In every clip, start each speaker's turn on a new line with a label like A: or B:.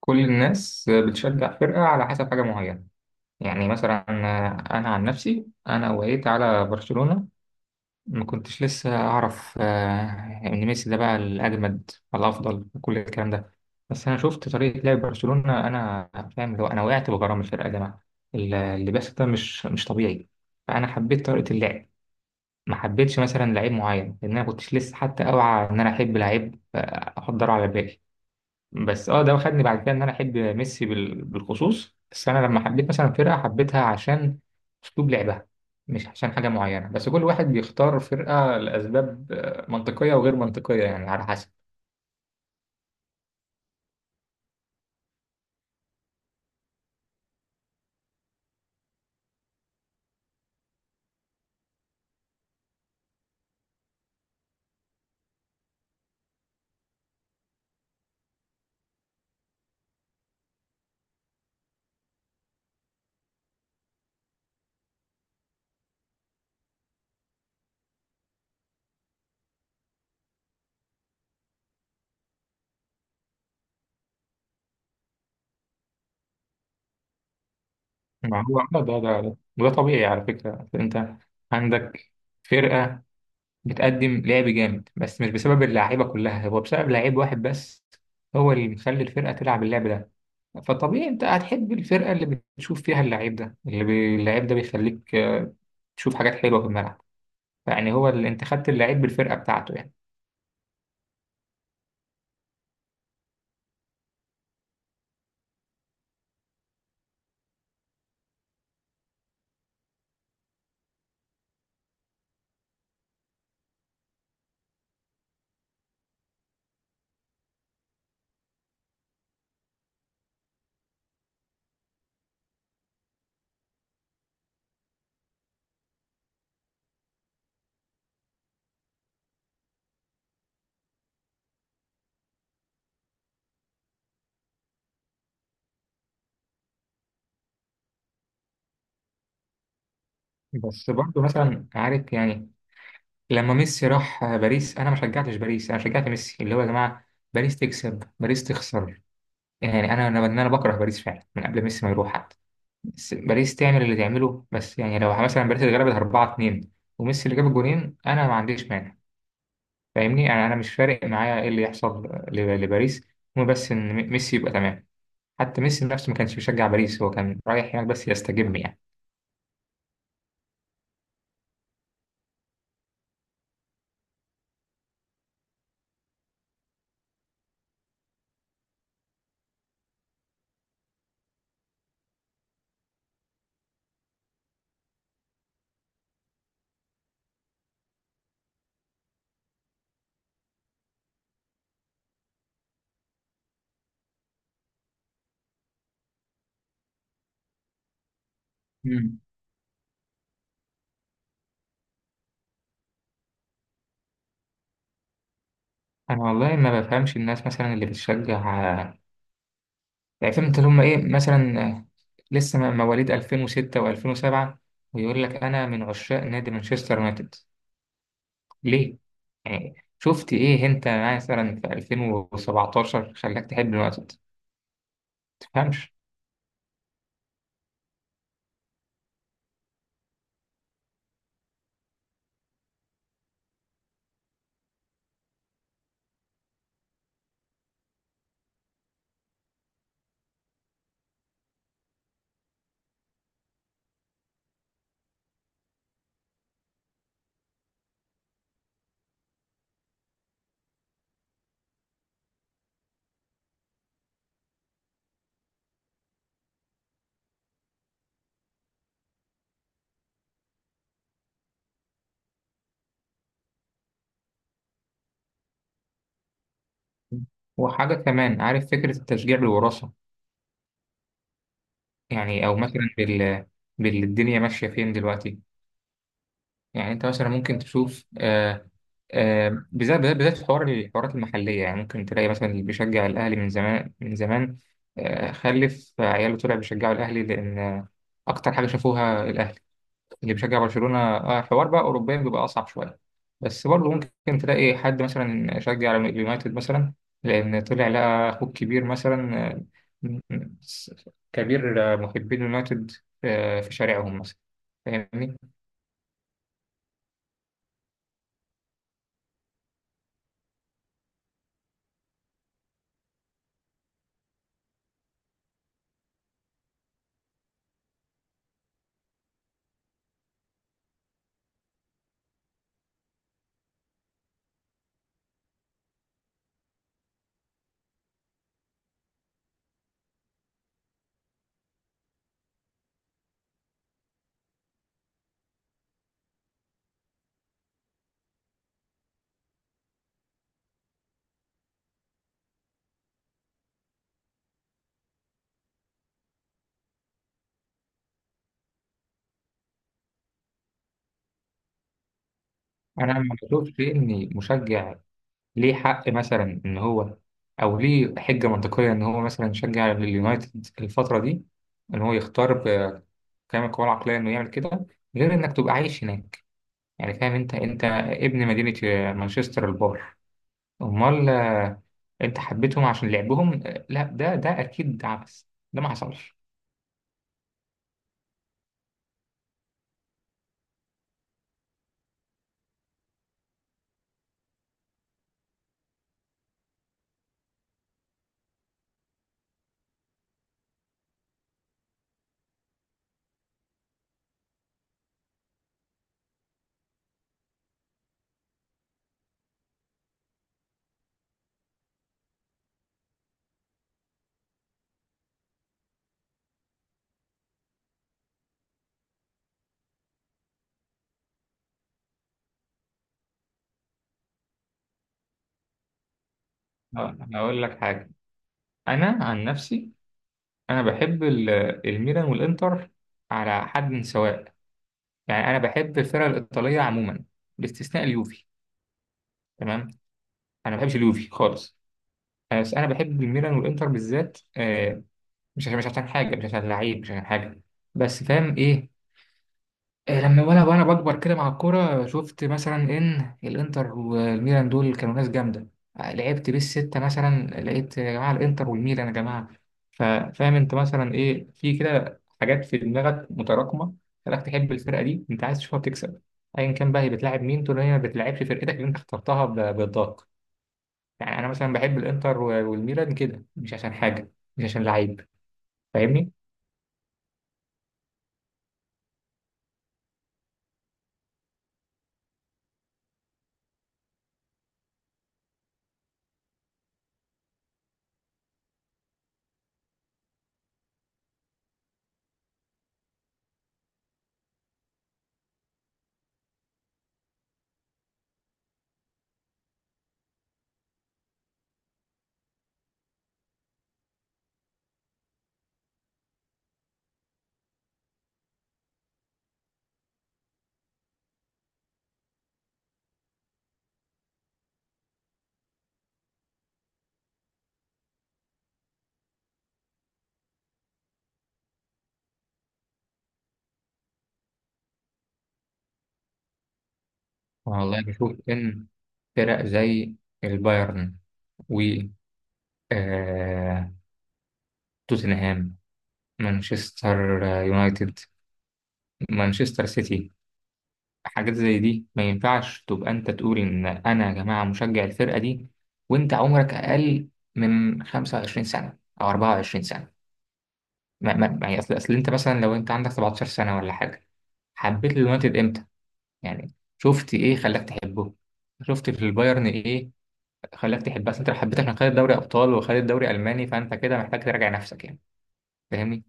A: كل الناس بتشجع فرقة على حسب حاجة معينة. يعني مثلا، أنا عن نفسي أنا وقيت على برشلونة. ما كنتش لسه أعرف إن ميسي ده بقى الأجمد والأفضل وكل الكلام ده. بس أنا شفت طريقة لعب برشلونة، أنا فاهم اللي هو أنا وقعت بغرام الفرقة يا جماعة. اللي بس ده مش طبيعي. فأنا حبيت طريقة اللعب، ما حبيتش مثلا لعيب معين لأن أنا كنتش لسه حتى أوعى إن أنا أحب لعيب، أحضره على بالي. بس ده خدني بعد كده ان انا احب ميسي بالخصوص. بس انا لما حبيت مثلا فرقه حبيتها عشان اسلوب لعبها، مش عشان حاجه معينه. بس كل واحد بيختار فرقه لاسباب منطقيه وغير منطقيه، يعني على حسب. ما هو ده وده طبيعي على فكره. انت عندك فرقه بتقدم لعب جامد بس مش بسبب اللعيبه كلها، هو بسبب لعيب واحد بس، هو اللي مخلي الفرقه تلعب اللعب ده. فطبيعي انت هتحب الفرقه اللي بتشوف فيها اللعيب ده، اللعيب ده بيخليك تشوف حاجات حلوه في الملعب. يعني هو اللي انت خدت اللعيب بالفرقه بتاعته يعني. بس برضه مثلا عارف، يعني لما ميسي راح باريس، انا ما شجعتش باريس، انا شجعت ميسي. اللي هو يا جماعه باريس تكسب باريس تخسر، يعني انا أنا بكره باريس فعلا من قبل ميسي ما يروح حتى. بس باريس تعمل اللي تعمله. بس يعني لو مثلا باريس اللي غلبت 4-2 وميسي اللي جاب الجولين، انا ما عنديش مانع. فاهمني؟ يعني انا مش فارق معايا ايه اللي يحصل لباريس. المهم بس ان ميسي يبقى تمام. حتى ميسي نفسه ما كانش بيشجع باريس، هو كان رايح هناك بس يستجم يعني. مم. انا والله ما بفهمش الناس مثلا اللي بتشجع، يعني فهمت اللي هم ايه مثلا. لسه مواليد 2006 و2007 ويقول لك انا من عشاق نادي مانشستر يونايتد. ليه؟ يعني شفت ايه انت مثلا في 2017 خلاك تحب اليونايتد؟ ما تفهمش. وحاجة كمان، عارف فكرة التشجيع بالوراثة؟ يعني او مثلا بالدنيا ماشيه فين دلوقتي. يعني انت مثلا ممكن تشوف بالذات بالذات بالذات في حوار الحوارات المحليه. يعني ممكن تلاقي مثلا اللي بيشجع الاهلي من زمان من زمان، خلف عياله طلع بيشجعوا الاهلي لان اكتر حاجه شافوها الاهلي. اللي بيشجع برشلونة حوار بقى أوروبيا بيبقى أصعب شوية. بس برضه ممكن تلاقي حد مثلا شجع اليونايتد مثلا لأن طلع لقى أخوه الكبير مثلا، م- م- كبير، محبين اليونايتد في شارعهم مثلا. فاهمني؟ أنا ما بشوفش إن مشجع ليه حق مثلا إن هو، أو ليه حجة منطقية إن هو مثلا يشجع اليونايتد الفترة دي، إن هو يختار بكامل قواه العقلية إنه يعمل كده، غير إنك تبقى عايش هناك. يعني فاهم انت، انت ابن مدينة مانشستر البار. امال انت حبيتهم عشان لعبهم؟ لا ده اكيد عبث. ده ما حصلش. هقول لك حاجة. انا عن نفسي انا بحب الميلان والانتر على حد سواء. يعني انا بحب الفرق الايطالية عموما باستثناء اليوفي، تمام؟ انا ما بحبش اليوفي خالص. بس انا بحب الميلان والانتر بالذات، مش عشان مش عشان حاجة، مش عشان لعيب، مش عشان حاجة. بس فاهم ايه، لما وانا بكبر كده مع الكوره شفت مثلا ان الانتر والميلان دول كانوا ناس جامده. لعبت بالستة مثلا لقيت يا جماعه الانتر والميلان يا جماعه. ففاهم انت مثلا ايه، في كده حاجات في دماغك متراكمه خلاك تحب الفرقه دي. انت عايز تشوفها بتكسب ايا كان بقى هي بتلاعب مين، طول ما هي ما بتلعبش فرقتك اللي انت اخترتها بالضغط. يعني انا مثلا بحب الانتر والميلان كده، مش عشان حاجه، مش عشان لعيب. فاهمني؟ والله بشوف ان فرق زي البايرن، آه، توتنهام، مانشستر يونايتد، مانشستر سيتي، حاجات زي دي ما ينفعش تبقى انت تقول ان انا يا جماعة مشجع الفرقة دي وانت عمرك اقل من 25 سنة او 24 سنة. اصل انت مثلا لو انت عندك 17 سنة ولا حاجة، حبيت اليونايتد امتى؟ يعني شفت ايه خلاك تحبه؟ شفت في البايرن ايه خلاك تحبه؟ اصل انت لو حبيت عشان خدت دوري ابطال وخدت دوري الماني فانت كده محتاج تراجع نفسك يعني. فاهمني؟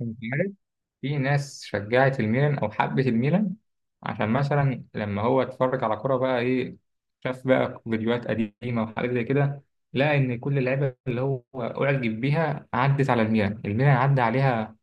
A: مم. في ناس شجعت الميلان او حبت الميلان عشان مثلا لما هو اتفرج على كرة بقى ايه، شاف بقى فيديوهات قديمة وحاجات زي كده، لقى ان كل اللعيبة اللي هو اعجب بيها عدت على الميلان، الميلان عدى عليها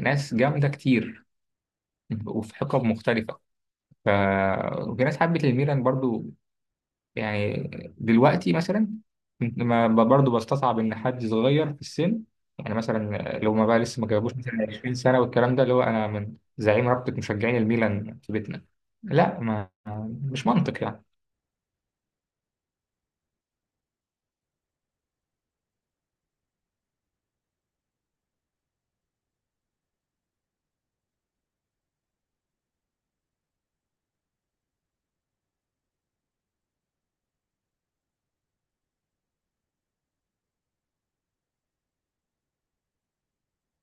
A: ناس جامدة كتير وفي حقب مختلفة. ف وفي ناس حبت الميلان برضو يعني. دلوقتي مثلا، ما برضه بستصعب ان حد صغير في السن، يعني مثلا لو ما بقى لسه ما جابوش مثلا 20 سنه والكلام ده، اللي هو انا من زعيم رابطه مشجعين الميلان في بيتنا. لا، ما مش منطق يعني.